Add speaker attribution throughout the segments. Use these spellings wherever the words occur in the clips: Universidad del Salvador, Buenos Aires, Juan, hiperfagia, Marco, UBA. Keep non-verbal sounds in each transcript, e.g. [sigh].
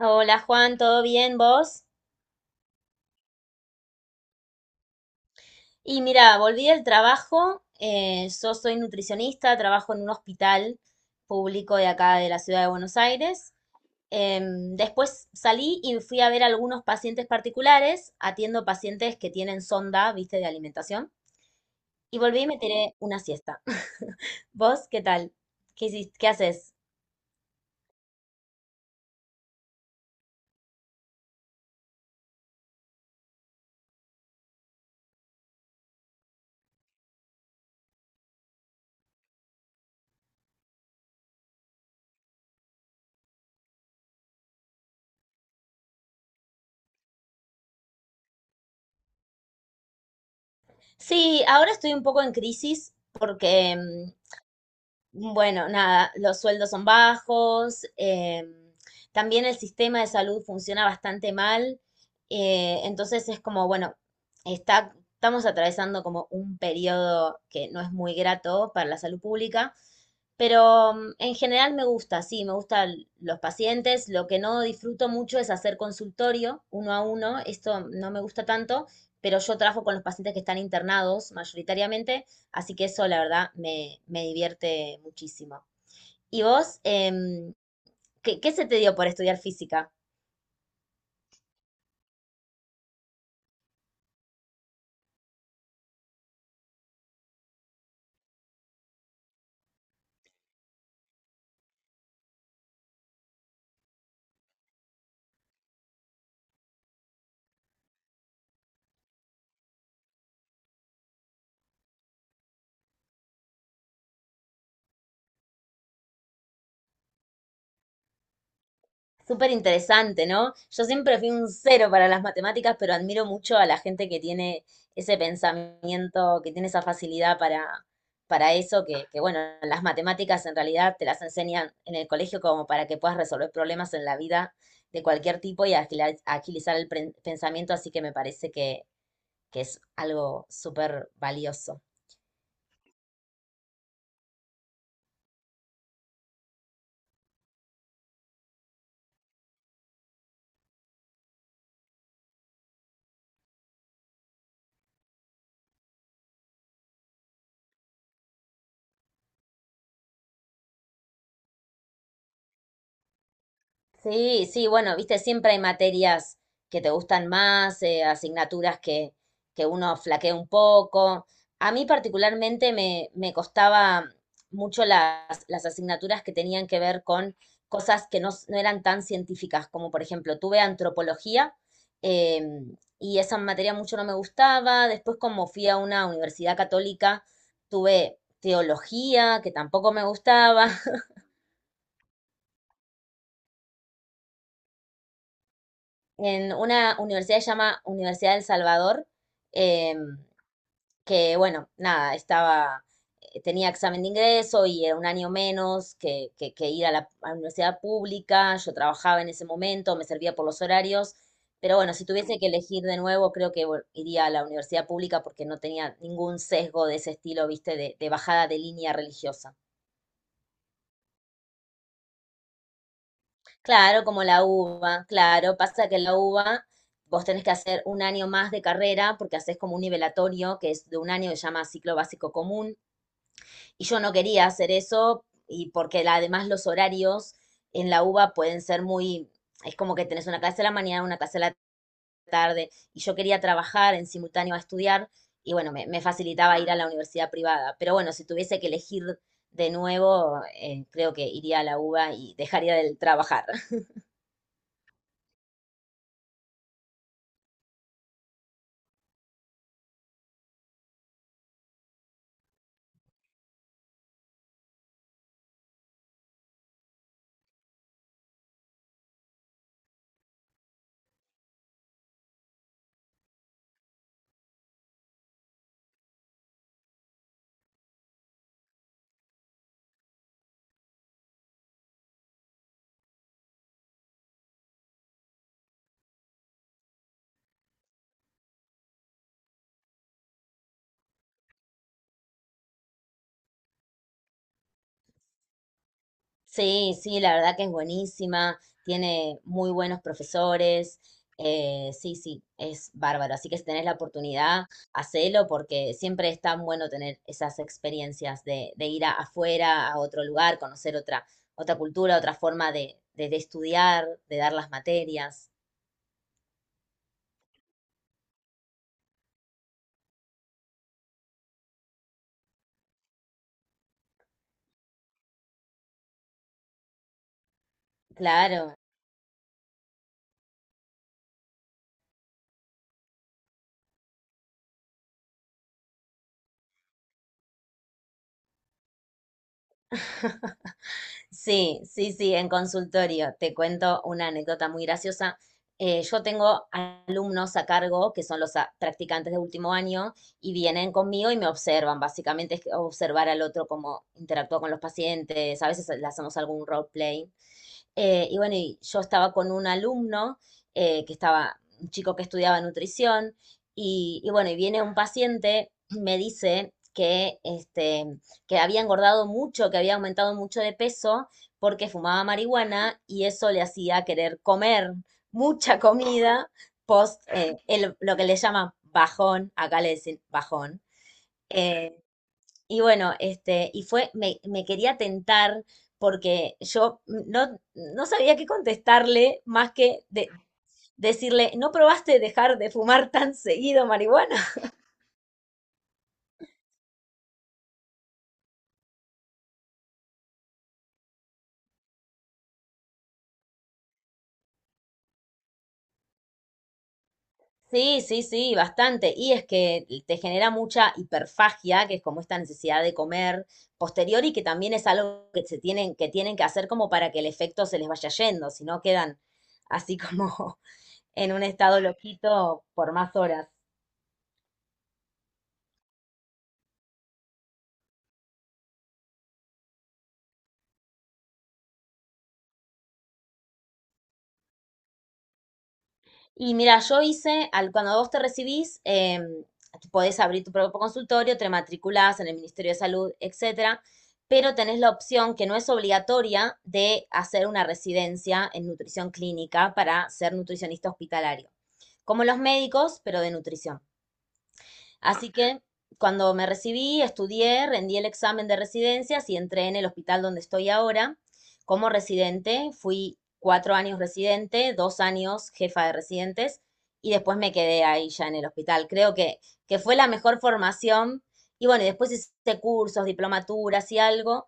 Speaker 1: Hola Juan, ¿todo bien vos? Y mira, volví del trabajo, yo soy nutricionista, trabajo en un hospital público de acá de la ciudad de Buenos Aires. Después salí y fui a ver algunos pacientes particulares, atiendo pacientes que tienen sonda, viste, de alimentación, y volví y me tiré una siesta. [laughs] ¿Vos qué tal? ¿Qué hiciste? ¿Qué haces? Sí, ahora estoy un poco en crisis porque bueno, nada, los sueldos son bajos, también el sistema de salud funciona bastante mal, entonces es como, bueno, estamos atravesando como un periodo que no es muy grato para la salud pública, pero en general me gusta, sí, me gustan los pacientes, lo que no disfruto mucho es hacer consultorio uno a uno, esto no me gusta tanto, pero yo trabajo con los pacientes que están internados mayoritariamente. Así que eso, la verdad, me divierte muchísimo. ¿Y vos, qué se te dio por estudiar física? Súper interesante, ¿no? Yo siempre fui un cero para las matemáticas, pero admiro mucho a la gente que tiene ese pensamiento, que tiene esa facilidad para eso, que bueno, las matemáticas en realidad te las enseñan en el colegio como para que puedas resolver problemas en la vida de cualquier tipo y agilizar el pensamiento, así que me parece que es algo súper valioso. Sí, sí, bueno, viste, siempre hay materias que te gustan más, asignaturas que uno flaquea un poco. A mí particularmente me costaba mucho las asignaturas que tenían que ver con cosas que no eran tan científicas, como por ejemplo, tuve antropología y esa materia mucho no me gustaba. Después, como fui a una universidad católica, tuve teología, que tampoco me gustaba. En una universidad que se llama Universidad del Salvador, eh, que bueno, nada, tenía examen de ingreso y era un año menos que ir a la universidad pública, yo trabajaba en ese momento, me servía por los horarios, pero bueno, si tuviese que elegir de nuevo, creo que bueno, iría a la universidad pública porque no tenía ningún sesgo de ese estilo, viste, de bajada de línea religiosa. Claro, como la uva, claro. Pasa que la uva vos tenés que hacer un año más de carrera porque haces como un nivelatorio que es de un año que se llama ciclo básico común. Y yo no quería hacer eso y porque además los horarios en la uva pueden ser muy, es como que tenés una clase a la mañana, una clase a la tarde. Y yo quería trabajar en simultáneo a estudiar y bueno, me facilitaba ir a la universidad privada. Pero bueno, si tuviese que elegir de nuevo, creo que iría a la uva y dejaría de trabajar. Sí, sí, la verdad que es buenísima, tiene muy buenos profesores, sí, sí, es bárbaro. Así que si tenés la oportunidad, hacelo porque siempre es tan bueno tener esas experiencias de afuera, a otro lugar, conocer otra, otra cultura, otra forma de estudiar, de dar las materias. Claro. [laughs] Sí, sí, sí, en consultorio. Te cuento una anécdota muy graciosa. Yo tengo alumnos a cargo que son los practicantes de último año y vienen conmigo y me observan. Básicamente es observar al otro cómo interactúa con los pacientes. A veces le hacemos algún roleplay. Y bueno, y yo estaba con un alumno un chico que estudiaba nutrición, y bueno, y viene un paciente, me dice que, este, que había engordado mucho, que había aumentado mucho de peso porque fumaba marihuana y eso le hacía querer comer mucha comida post lo que le llaman bajón, acá le dicen bajón. eh, y bueno, este, me quería tentar porque yo no sabía qué contestarle más que decirle, ¿no probaste dejar de fumar tan seguido marihuana? Sí, sí, sí, bastante. Y es que te genera mucha hiperfagia, que es como esta necesidad de comer posterior y que también es algo que que tienen que hacer como para que el efecto se les vaya yendo, si no quedan así como [laughs] en un estado loquito por más horas. Y mira, yo hice, al, cuando vos te recibís, podés abrir tu propio consultorio, te matriculás en el Ministerio de Salud, etcétera, pero tenés la opción que no es obligatoria de hacer una residencia en nutrición clínica para ser nutricionista hospitalario, como los médicos, pero de nutrición. Así que cuando me recibí, estudié, rendí el examen de residencias y entré en el hospital donde estoy ahora como residente. Fui cuatro años residente, dos años jefa de residentes y después me quedé ahí ya en el hospital. Creo que fue la mejor formación. Y bueno, y después hice cursos, diplomaturas y algo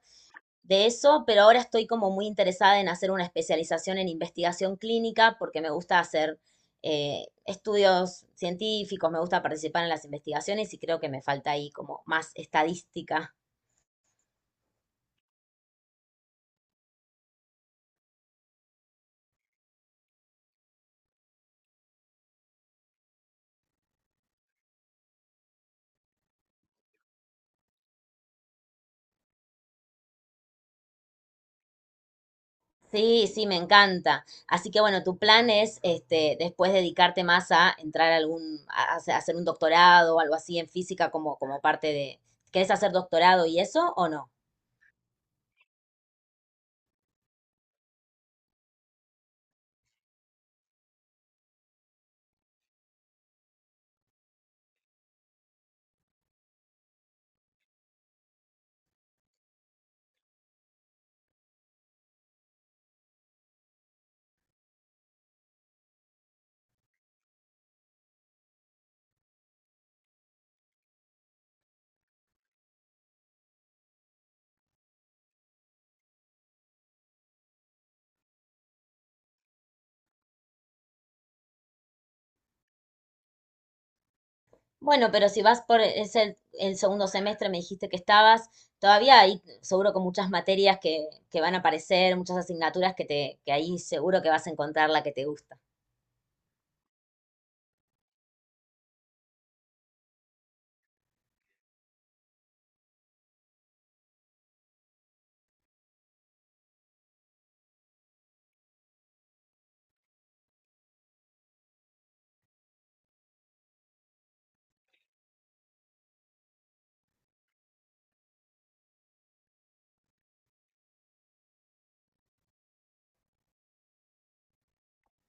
Speaker 1: de eso, pero ahora estoy como muy interesada en hacer una especialización en investigación clínica porque me gusta hacer estudios científicos, me gusta participar en las investigaciones y creo que me falta ahí como más estadística. Sí, sí, me encanta. Así que bueno, tu plan es este, después dedicarte más a entrar a algún, a hacer un doctorado o algo así en física como, como parte de, ¿querés hacer doctorado y eso o no? Bueno, pero si vas por es el segundo semestre, me dijiste que estabas, todavía hay seguro con muchas materias que van a aparecer, muchas asignaturas que te, que ahí seguro que vas a encontrar la que te gusta.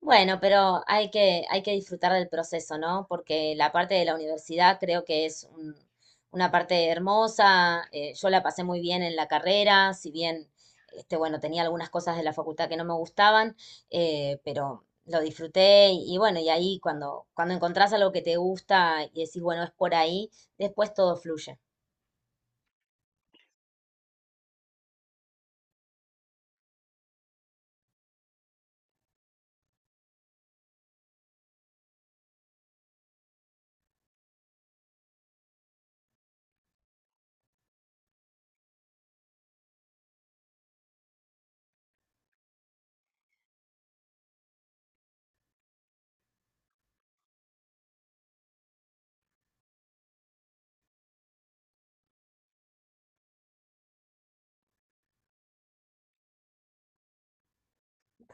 Speaker 1: Bueno, pero hay hay que disfrutar del proceso, ¿no? Porque la parte de la universidad creo que es una parte hermosa. Eh, yo la pasé muy bien en la carrera, si bien, este, bueno, tenía algunas cosas de la facultad que no me gustaban, pero lo disfruté y bueno, y ahí cuando encontrás algo que te gusta y decís, bueno, es por ahí, después todo fluye.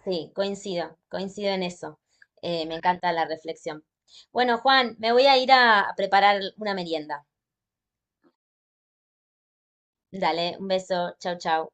Speaker 1: Sí, coincido, coincido en eso. Me encanta la reflexión. Bueno, Juan, me voy a ir a preparar una merienda. Dale, un beso. Chau, chau.